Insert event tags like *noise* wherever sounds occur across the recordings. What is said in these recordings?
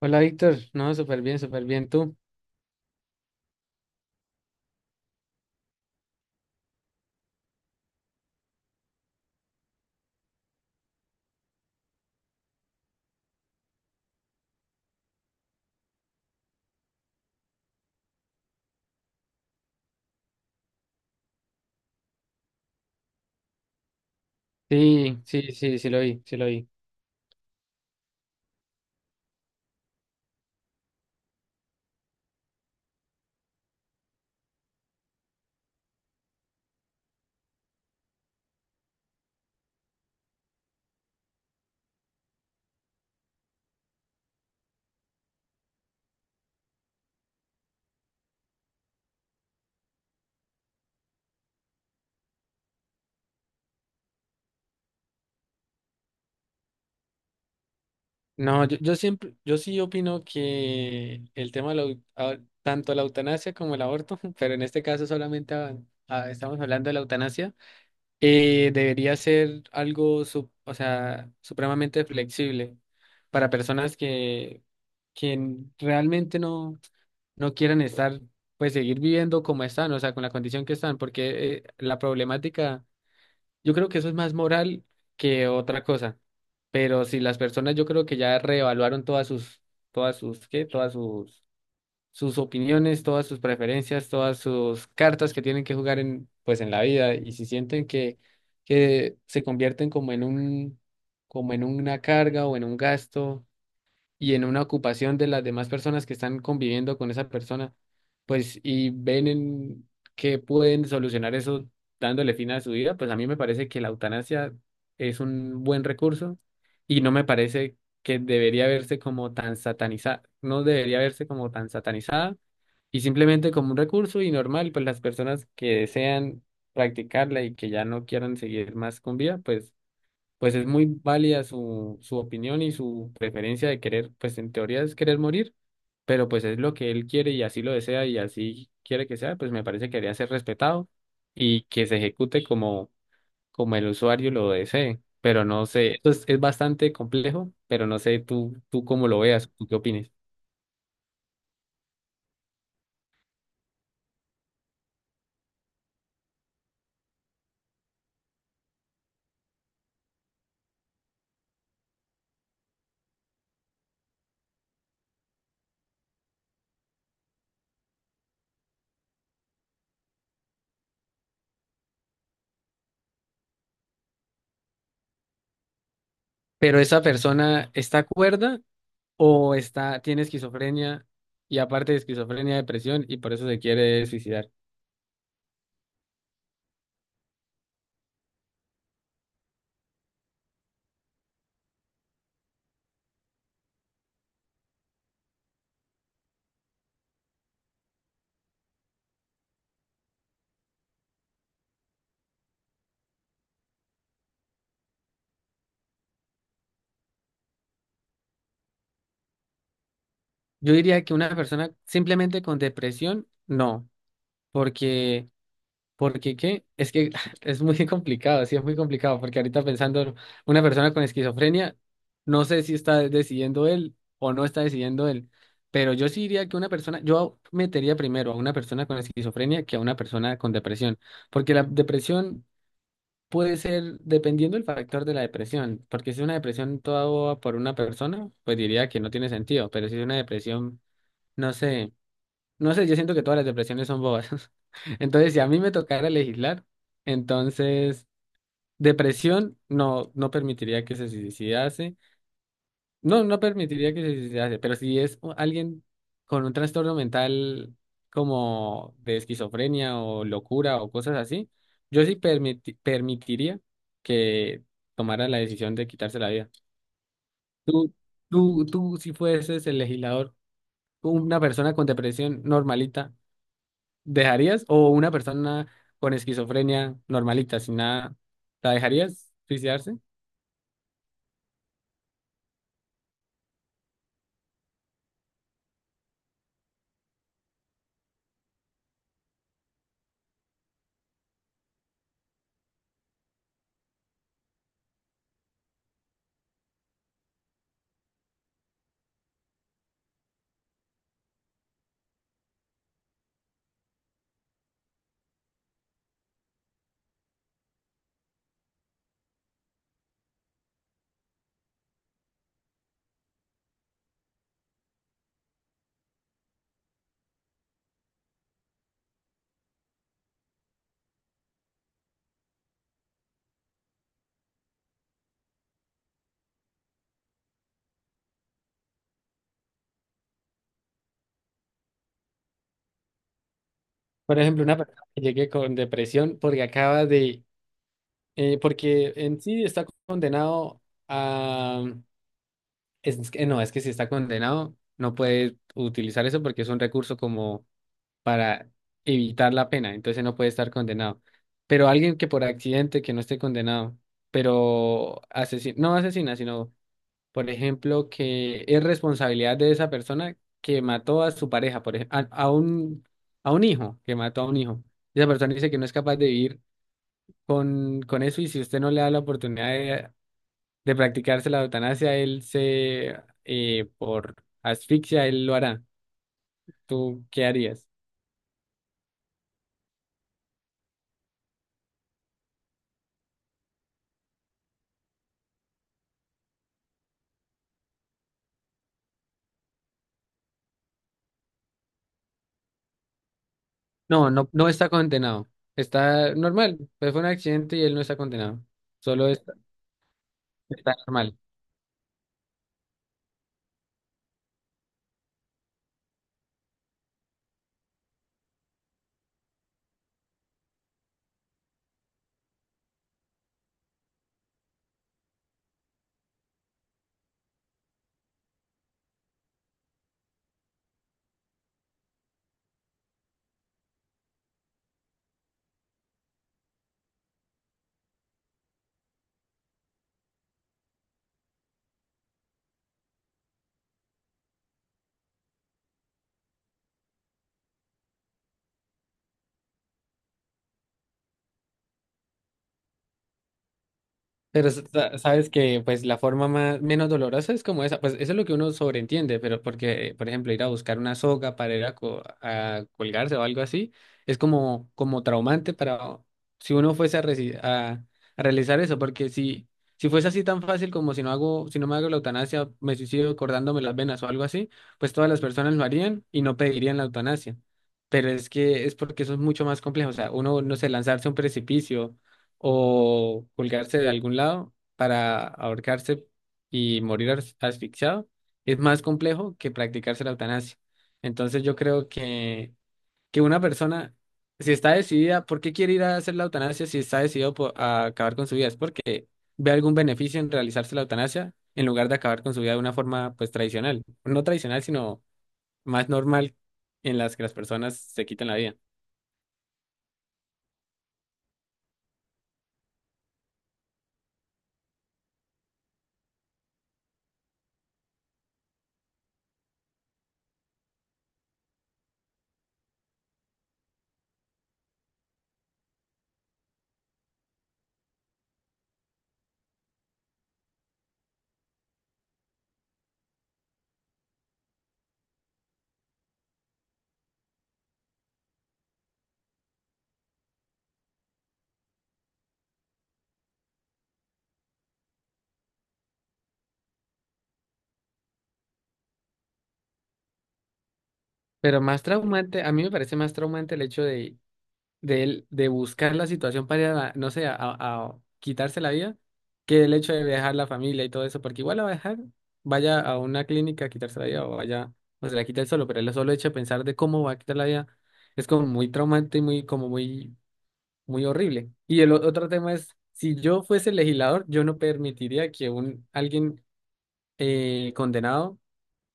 Hola Víctor, no, súper bien tú. Sí, sí, sí, sí lo vi, sí lo vi. No, yo siempre, yo sí opino que el tema de la tanto la eutanasia como el aborto, *laughs* pero en este caso solamente estamos hablando de la eutanasia, debería ser algo, o sea, supremamente flexible para personas que realmente no, no quieran estar, pues seguir viviendo como están, o sea, con la condición que están, porque la problemática. Yo creo que eso es más moral que otra cosa. Pero si las personas yo creo que ya reevaluaron todas sus, ¿qué? Sus opiniones, todas sus preferencias, todas sus cartas que tienen que jugar en, pues en la vida. Y si sienten que se convierten como en un, como en una carga o en un gasto y en una ocupación de las demás personas que están conviviendo con esa persona, pues y ven en que pueden solucionar eso dándole fin a su vida, pues a mí me parece que la eutanasia es un buen recurso y no me parece que debería verse como tan satanizada, no debería verse como tan satanizada y simplemente como un recurso y normal, pues las personas que desean practicarla y que ya no quieran seguir más con vida, pues es muy válida su, su opinión y su preferencia de querer, pues en teoría es querer morir, pero pues es lo que él quiere y así lo desea y así quiere que sea, pues me parece que debería ser respetado y que se ejecute como, como el usuario lo desee. Pero no sé, esto es bastante complejo, pero no sé tú, tú cómo lo veas, tú qué opines. Pero esa persona está cuerda o está, tiene esquizofrenia y aparte de esquizofrenia, depresión y por eso se quiere suicidar. Yo diría que una persona simplemente con depresión, no, porque, porque qué, es que *laughs* es muy complicado, sí, es muy complicado, porque ahorita pensando, una persona con esquizofrenia, no sé si está decidiendo él o no está decidiendo él, pero yo sí diría que una persona, yo metería primero a una persona con esquizofrenia que a una persona con depresión, porque la depresión puede ser, dependiendo del factor de la depresión, porque si es una depresión toda boba por una persona, pues diría que no tiene sentido, pero si es una depresión, no sé. No sé, yo siento que todas las depresiones son bobas. *laughs* Entonces, si a mí me tocara legislar, entonces depresión no, no permitiría que se suicidase. No, no permitiría que se suicidase, pero si es alguien con un trastorno mental como de esquizofrenia o locura o cosas así, yo sí permitiría que tomara la decisión de quitarse la vida. Tú, tú, si fueses el legislador, una persona con depresión normalita. ¿Dejarías? ¿O una persona con esquizofrenia normalita, sin nada, la dejarías suicidarse? Por ejemplo, una persona que llegue con depresión porque acaba de, porque en sí está condenado a, es que no, es que si está condenado no puede utilizar eso porque es un recurso como para evitar la pena, entonces no puede estar condenado. Pero alguien que por accidente, que no esté condenado, pero asesino, no asesina, sino por ejemplo, que es responsabilidad de esa persona que mató a su pareja, por ejemplo, a un hijo, que mató a un hijo. Esa persona dice que no es capaz de vivir con eso y si usted no le da la oportunidad de practicarse la eutanasia, él se, por asfixia, él lo hará. ¿Tú qué harías? No, no, no está condenado. Está normal, pues fue un accidente y él no está condenado. Solo está, está normal. Pero sabes que pues la forma más menos dolorosa es como esa, pues eso es lo que uno sobreentiende, pero porque, por ejemplo, ir a buscar una soga para ir a, a colgarse o algo así, es como, como traumante para si uno fuese a, a realizar eso, porque si, si fuese así tan fácil como si no hago, si no me hago la eutanasia, me suicido cortándome las venas o algo así, pues todas las personas lo harían y no pedirían la eutanasia. Pero es que es porque eso es mucho más complejo, o sea, uno, no sé, lanzarse a un precipicio o colgarse de algún lado para ahorcarse y morir asfixiado es más complejo que practicarse la eutanasia. Entonces yo creo que una persona, si está decidida, ¿por qué quiere ir a hacer la eutanasia si está decidido a acabar con su vida? Es porque ve algún beneficio en realizarse la eutanasia en lugar de acabar con su vida de una forma pues tradicional, no tradicional, sino más normal en las que las personas se quitan la vida. Pero más traumante, a mí me parece más traumante el hecho de él, de buscar la situación para, ir a no sé, a quitarse la vida, que el hecho de dejar la familia y todo eso, porque igual la va a dejar, vaya a una clínica a quitarse la vida o vaya, o se la quita él solo, pero el solo hecho de pensar de cómo va a quitar la vida es como muy traumante y muy, como muy, muy horrible. Y el otro tema es, si yo fuese legislador, yo no permitiría que un, alguien condenado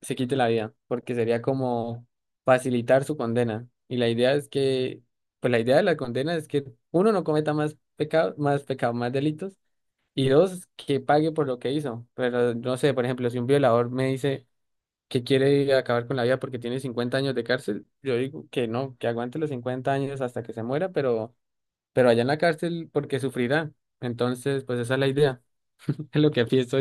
se quite la vida, porque sería como facilitar su condena. Y la idea es que, pues la idea de la condena es que uno no cometa más pecados, más pecados, más delitos, y dos, que pague por lo que hizo. Pero no sé, por ejemplo, si un violador me dice que quiere acabar con la vida porque tiene 50 años de cárcel, yo digo que no, que aguante los 50 años hasta que se muera, pero allá en la cárcel porque sufrirá. Entonces, pues esa es la idea, *laughs* es lo que pienso.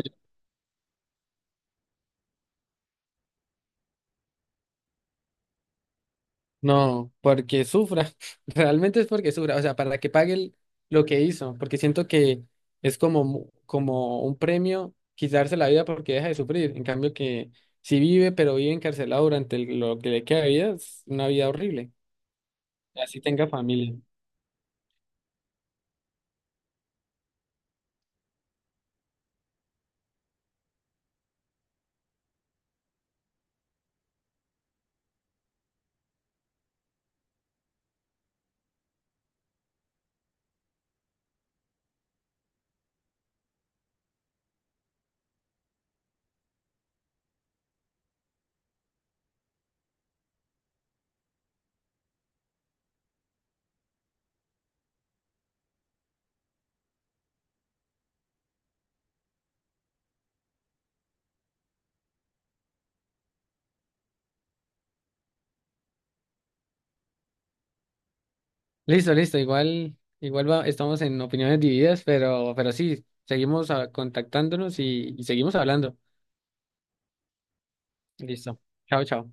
No, porque sufra. *laughs* Realmente es porque sufra. O sea, para que pague lo que hizo. Porque siento que es como, como un premio quitarse la vida porque deja de sufrir. En cambio que si vive, pero vive encarcelado durante lo que le queda de vida, es una vida horrible. Así tenga familia. Listo, listo. Igual, igual estamos en opiniones divididas, pero sí, seguimos contactándonos y seguimos hablando. Listo. Chao, chao.